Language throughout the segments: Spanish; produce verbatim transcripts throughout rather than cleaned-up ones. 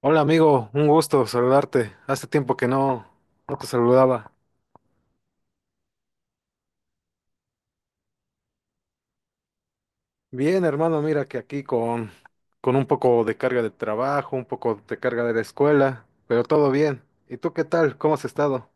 Hola amigo, un gusto saludarte. Hace tiempo que no, no te saludaba. Bien, hermano, mira que aquí con, con un poco de carga de trabajo, un poco de carga de la escuela, pero todo bien. ¿Y tú qué tal? ¿Cómo has estado?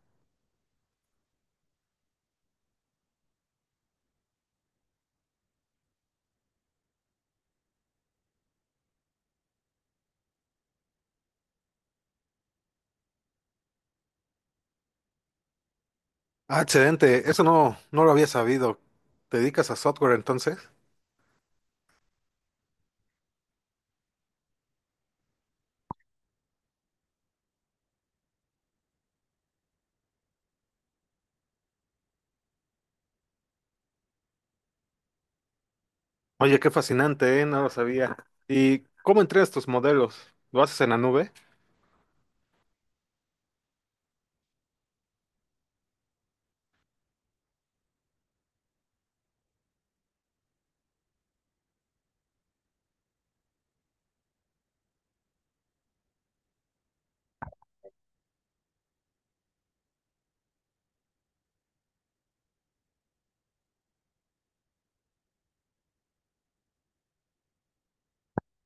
Ah, excelente, eso no, no lo había sabido. ¿Te dedicas a software entonces? Oye, qué fascinante, ¿eh? No lo sabía. ¿Y cómo entregas tus modelos? ¿Lo haces en la nube?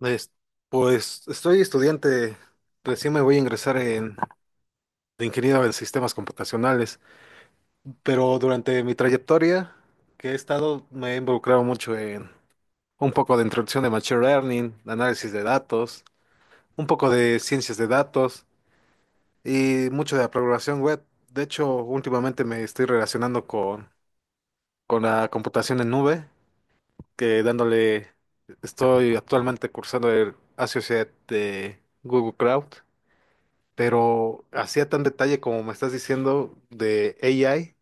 Es- pues estoy estudiante, recién me voy a ingresar en de ingeniero en sistemas computacionales. Pero durante mi trayectoria que he estado, me he involucrado mucho en un poco de introducción de Machine Learning, análisis de datos, un poco de ciencias de datos y mucho de la programación web. De hecho, últimamente me estoy relacionando con, con la computación en nube, que dándole, estoy actualmente cursando el Associate de Google Cloud, pero hacía tan detalle como me estás diciendo de A I.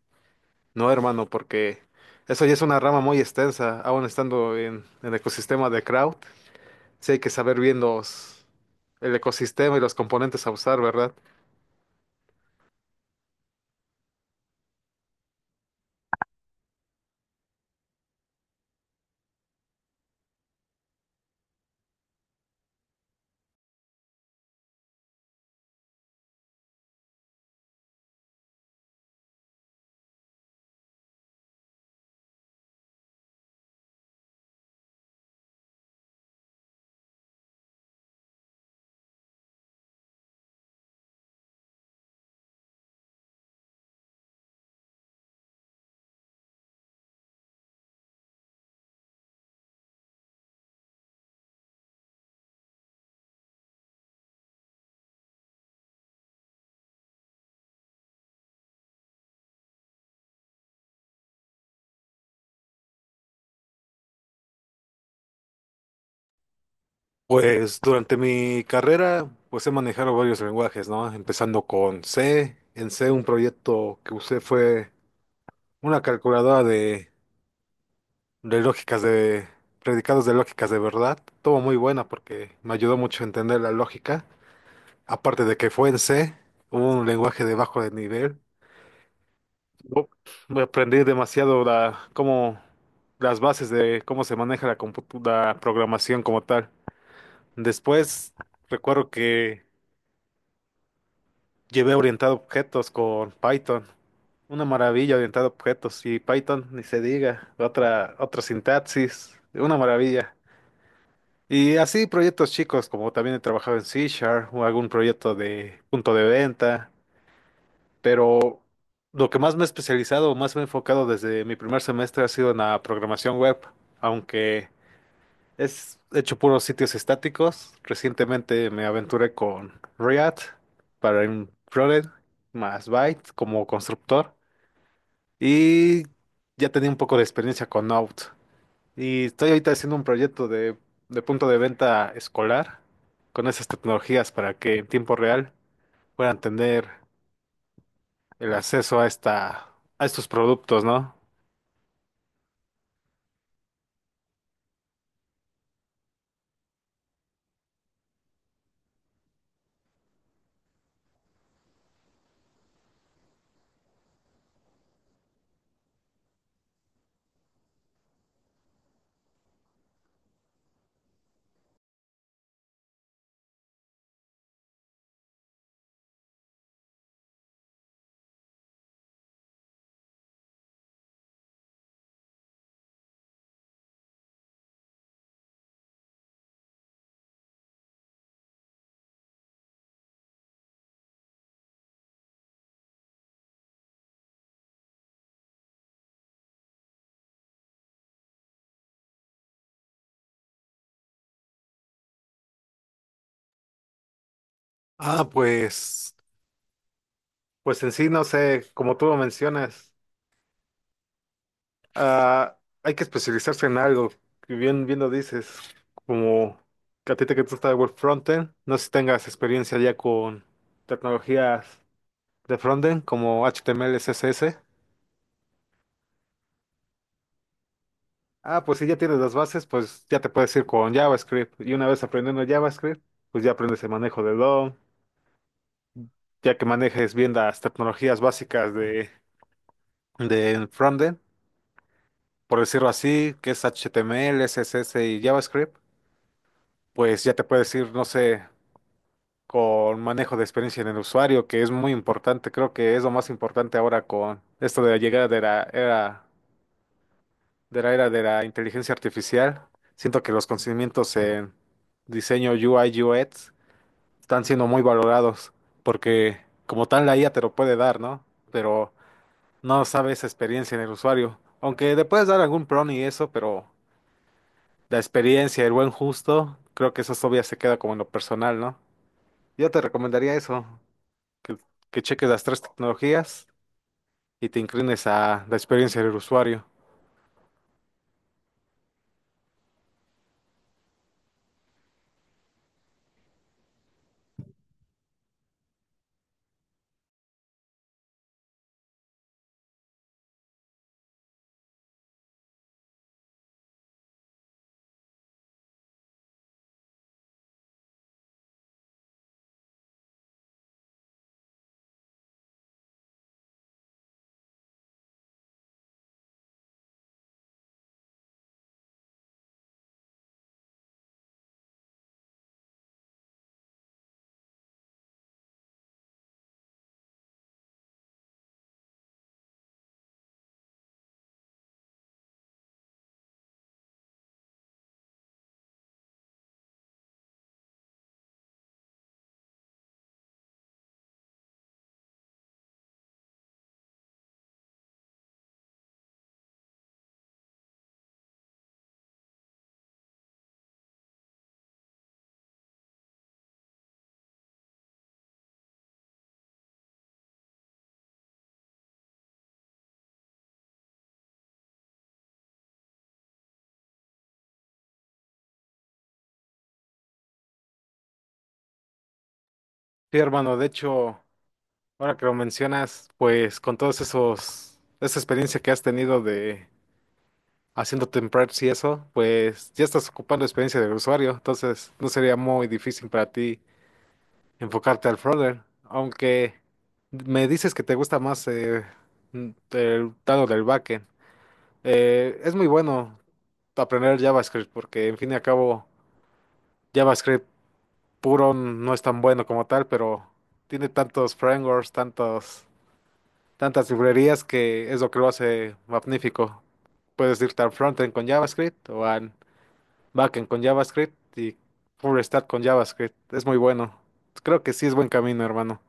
No, hermano, porque eso ya es una rama muy extensa. Aún estando en, el ecosistema de crowd, sí hay que saber bien los, el ecosistema y los componentes a usar, ¿verdad? Pues durante mi carrera, pues he manejado varios lenguajes, ¿no? Empezando con C. En C un proyecto que usé fue una calculadora de, de lógicas de predicados de lógicas de verdad. Todo muy buena porque me ayudó mucho a entender la lógica. Aparte de que fue en C, un lenguaje de bajo de nivel. No, voy a demasiado la, cómo, las bases de cómo se maneja la, compu- la programación como tal. Después, recuerdo que llevé orientado a objetos con Python. Una maravilla orientado a objetos. Y Python, ni se diga. Otra, otra sintaxis. Una maravilla. Y así proyectos chicos, como también he trabajado en C Sharp o algún proyecto de punto de venta. Pero lo que más me he especializado o más me he enfocado desde mi primer semestre ha sido en la programación web, aunque es hecho puros sitios estáticos. Recientemente me aventuré con React para un frontend más Byte como constructor y ya tenía un poco de experiencia con Node. Y estoy ahorita haciendo un proyecto de, de punto de venta escolar con esas tecnologías para que en tiempo real puedan tener el acceso a esta, a estos productos, ¿no? Ah, pues, pues en sí, no sé, como tú lo mencionas, ah, hay que especializarse en algo, que bien, bien lo dices, como que a ti te que te gusta el frontend, no sé si tengas experiencia ya con tecnologías de frontend como H T M L, C S S. Ah, pues si ya tienes las bases, pues ya te puedes ir con JavaScript. Y una vez aprendiendo JavaScript, pues ya aprendes el manejo de D O M, ya que manejes bien las tecnologías básicas de de frontend, por decirlo así, que es H T M L, C S S y JavaScript, pues ya te puedes ir, no sé, con manejo de experiencia en el usuario, que es muy importante, creo que es lo más importante ahora con esto de la llegada de la era de la era de la inteligencia artificial. Siento que los conocimientos en diseño U I U X están siendo muy valorados porque como tal la I A te lo puede dar, ¿no? Pero no sabe esa experiencia en el usuario. Aunque le puedes dar algún prompt y eso, pero la experiencia, el buen justo, creo que eso todavía se queda como en lo personal, ¿no? Yo te recomendaría eso, que, que cheques las tres tecnologías y te inclines a la experiencia del usuario. Sí, hermano, de hecho, ahora que lo mencionas, pues con todos esos, esa experiencia que has tenido de haciendo templates y eso, pues ya estás ocupando experiencia del usuario, entonces no sería muy difícil para ti enfocarte al frontend, aunque me dices que te gusta más eh, el lado del backend. Eh, es muy bueno aprender JavaScript porque, en fin y al cabo, JavaScript puro no es tan bueno como tal, pero tiene tantos frameworks, tantos, tantas librerías que es lo que lo hace magnífico. Puedes irte al frontend con JavaScript o al backend con JavaScript y full stack con JavaScript. Es muy bueno. Creo que sí es buen camino, hermano.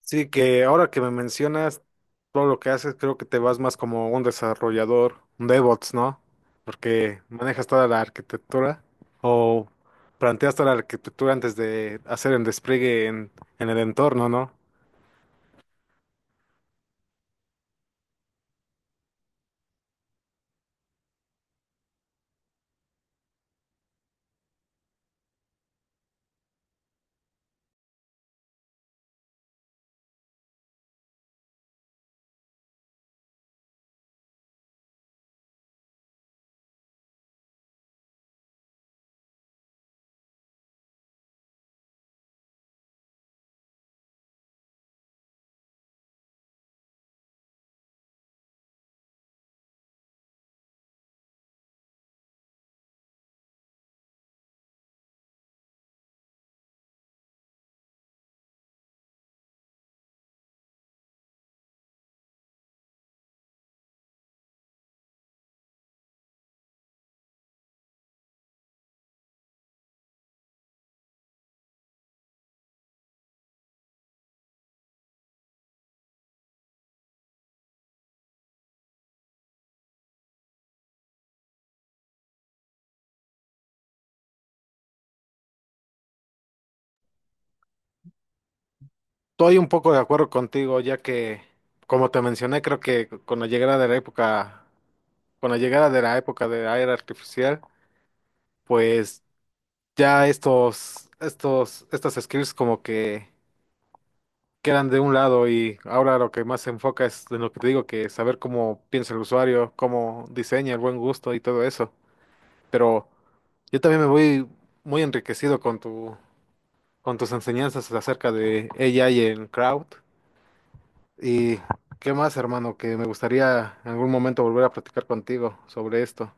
Sí, que ahora que me mencionas todo lo que haces, creo que te vas más como un desarrollador, un DevOps, ¿no? Porque manejas toda la arquitectura o planteas toda la arquitectura antes de hacer el despliegue en, en el entorno, ¿no? Estoy un poco de acuerdo contigo, ya que, como te mencioné, creo que con la llegada de la época, con la llegada de la época de la era artificial, pues ya estos, estos, estas skills como que quedan de un lado y ahora lo que más se enfoca es en lo que te digo, que saber cómo piensa el usuario, cómo diseña, el buen gusto y todo eso. Pero yo también me voy muy enriquecido con tu, con tus enseñanzas acerca de A I en crowd. ¿Y qué más, hermano? Que me gustaría en algún momento volver a platicar contigo sobre esto.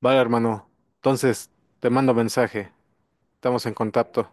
Vale, hermano. Entonces, te mando mensaje. Estamos en contacto.